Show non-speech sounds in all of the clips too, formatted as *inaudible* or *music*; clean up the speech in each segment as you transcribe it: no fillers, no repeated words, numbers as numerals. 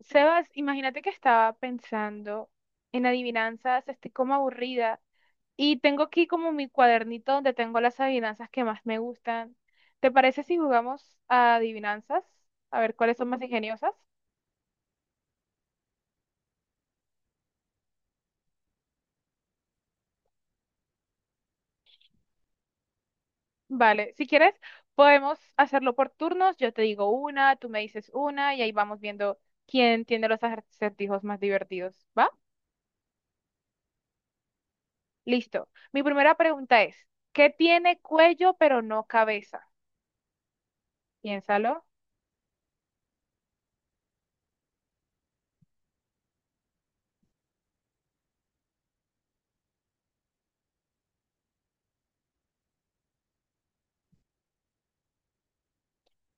Sebas, imagínate que estaba pensando en adivinanzas, estoy como aburrida y tengo aquí como mi cuadernito donde tengo las adivinanzas que más me gustan. ¿Te parece si jugamos a adivinanzas? A ver cuáles son más ingeniosas. Vale, si quieres, podemos hacerlo por turnos. Yo te digo una, tú me dices una y ahí vamos viendo quién tiene los acertijos más divertidos. ¿Va? Listo. Mi primera pregunta es, ¿qué tiene cuello pero no cabeza? Piénsalo.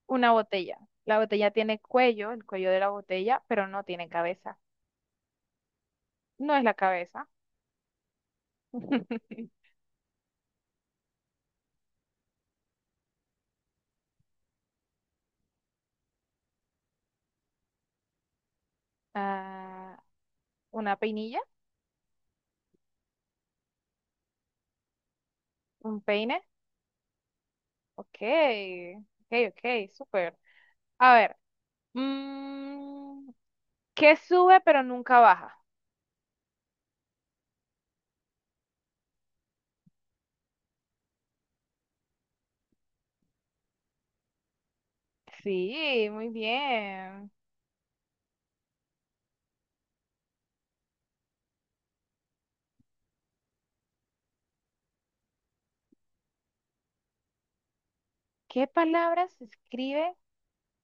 Una botella. La botella tiene cuello, el cuello de la botella, pero no tiene cabeza. No es la cabeza. *laughs* Ah, una peinilla, un peine. Ok, ok, ok, súper. A ver, mm, ¿qué sube pero nunca baja? Sí, muy bien. ¿Qué palabra se escribe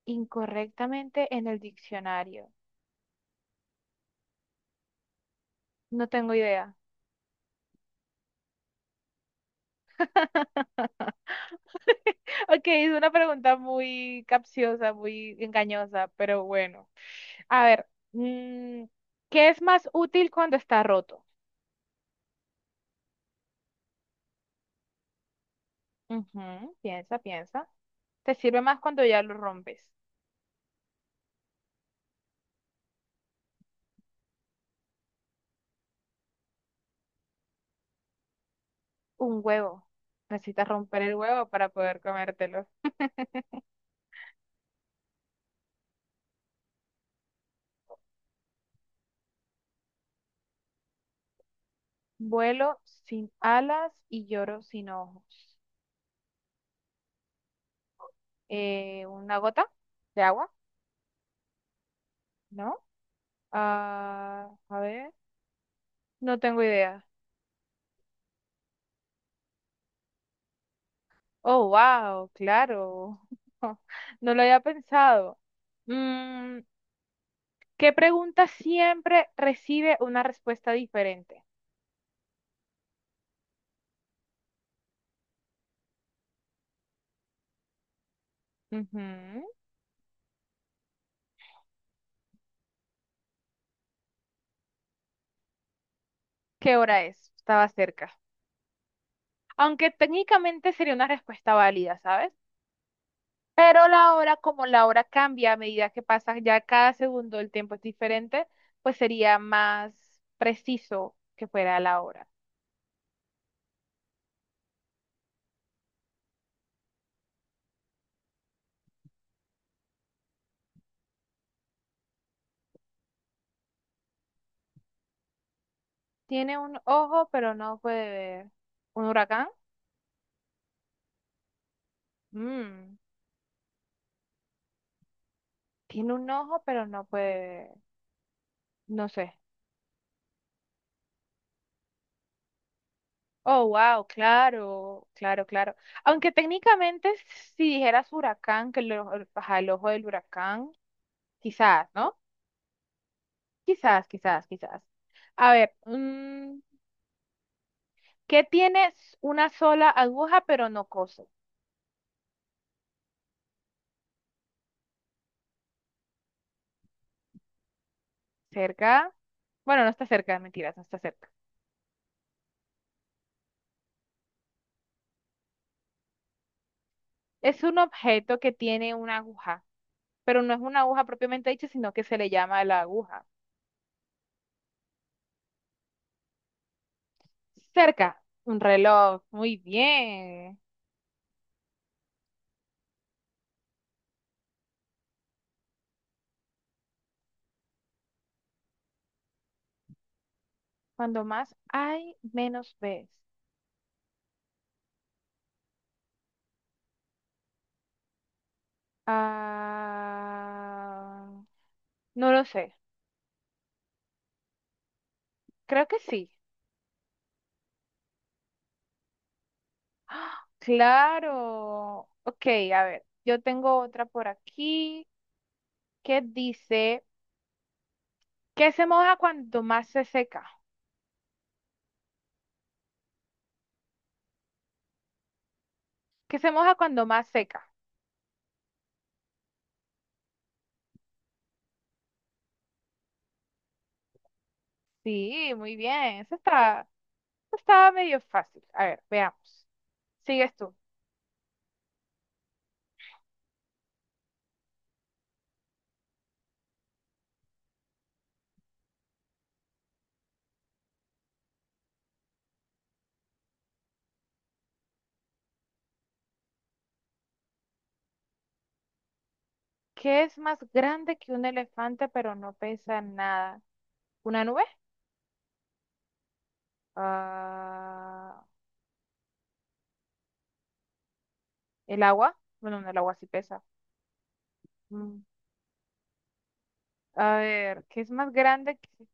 incorrectamente en el diccionario? No tengo idea. *laughs* Ok, es una pregunta muy capciosa, muy engañosa, pero bueno. A ver, mm, ¿qué es más útil cuando está roto? Ujú, piensa, piensa. Te sirve más cuando ya lo rompes. Un huevo. Necesitas romper el huevo para poder comértelo. Vuelo sin alas y lloro sin ojos. ¿Una gota de agua? ¿No? Ah, a ver, no tengo idea. Oh, wow, claro. *laughs* No lo había pensado. Mm, ¿Qué pregunta siempre recibe una respuesta diferente? Ujú. ¿Qué hora es? Estaba cerca. Aunque técnicamente sería una respuesta válida, ¿sabes? Pero la hora, como la hora cambia a medida que pasa, ya cada segundo el tiempo es diferente, pues sería más preciso que fuera la hora. Tiene un ojo, pero no puede ver. ¿Un huracán? Mm. Tiene un ojo, pero no puede ver. No sé. Oh, wow, claro, claro, claro. Aunque técnicamente si dijeras huracán, que el, ajá, el ojo del huracán, quizás, ¿no? Quizás, quizás, quizás. A ver, ¿qué tienes una sola aguja pero no coso? ¿Cerca? Bueno, no está cerca, mentiras, no está cerca. Es un objeto que tiene una aguja, pero no es una aguja propiamente dicha, sino que se le llama la aguja. Cerca, un reloj, muy bien. Cuando más hay, menos ves. Ah, no lo sé. Creo que sí. ¡Ah! Claro. Ok, a ver. Yo tengo otra por aquí que dice, ¿qué se moja cuando más se seca? ¿Qué se moja cuando más seca? Sí, muy bien. Eso está, eso estaba medio fácil. A ver, veamos. Sigues tú. ¿Qué es más grande que un elefante pero no pesa nada? ¿Una nube? Ah, ¿el agua? Bueno, no, el agua sí pesa. Mm, a ver, ¿qué es más grande?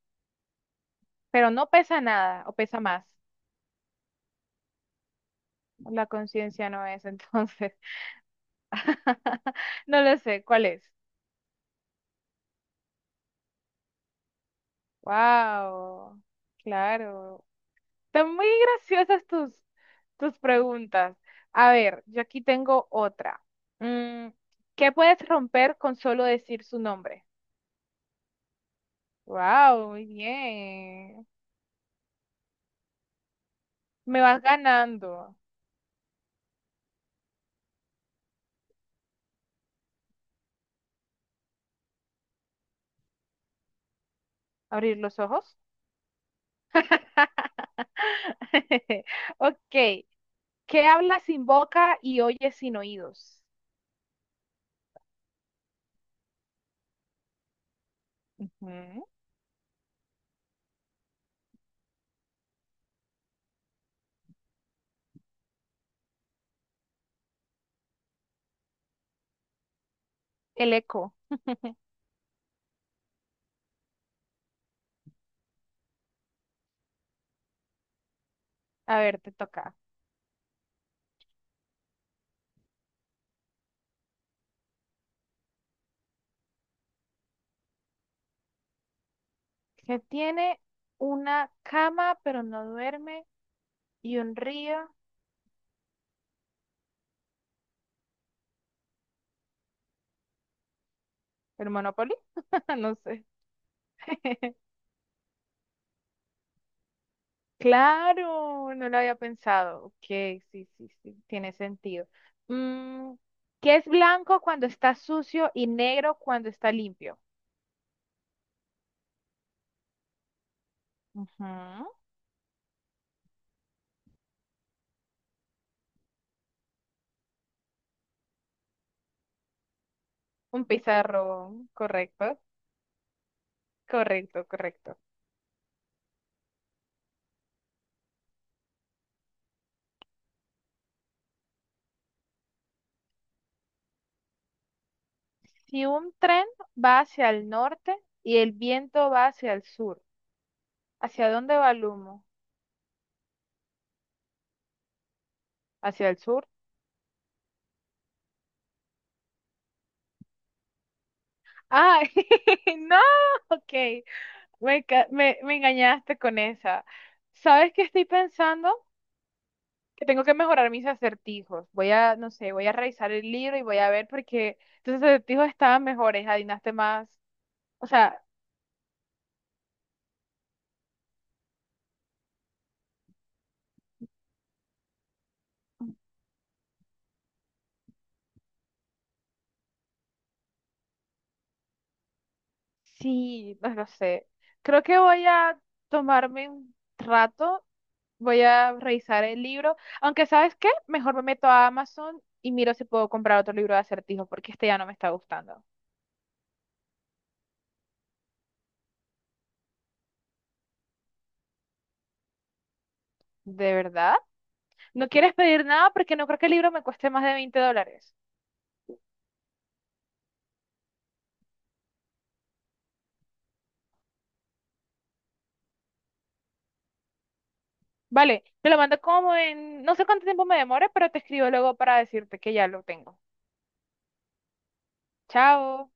Pero no pesa nada o pesa más. La conciencia no es, entonces. *laughs* No lo sé, ¿cuál es? Wow, claro. Están muy graciosas tus preguntas. A ver, yo aquí tengo otra. Mm, ¿Qué puedes romper con solo decir su nombre? Wow, muy bien. Me vas ganando. ¿Abrir los ojos? *laughs* *laughs* Ok, ¿qué habla sin boca y oye sin oídos? Ujú. El eco. A ver, te toca. Que tiene una cama pero no duerme y un río. ¿El Monopoly? *laughs* No sé. Claro, no lo había pensado. Ok, sí, sí, sí, tiene sentido. Mm, ¿Qué es blanco cuando está sucio y negro cuando está limpio? Ujú. Un pizarro, correcto, correcto, correcto. Si un tren va hacia el norte y el viento va hacia el sur, ¿hacia dónde va el humo? ¿Hacia el sur? ¡Ay! *laughs* ¡No! Ok, me engañaste con esa. ¿Sabes qué estoy pensando? Que tengo que mejorar mis acertijos. Voy a, no sé, voy a revisar el libro y voy a ver porque tus acertijos estaban mejores, adivinaste más. O sea, sí, no lo sé. Creo que voy a tomarme un rato. Voy a revisar el libro. Aunque, ¿sabes qué? Mejor me meto a Amazon y miro si puedo comprar otro libro de acertijos, porque este ya no me está gustando. ¿De verdad? ¿No quieres pedir nada? Porque no creo que el libro me cueste más de 20 dólares. Vale, te lo mando como en... No sé cuánto tiempo me demore, pero te escribo luego para decirte que ya lo tengo. Chao.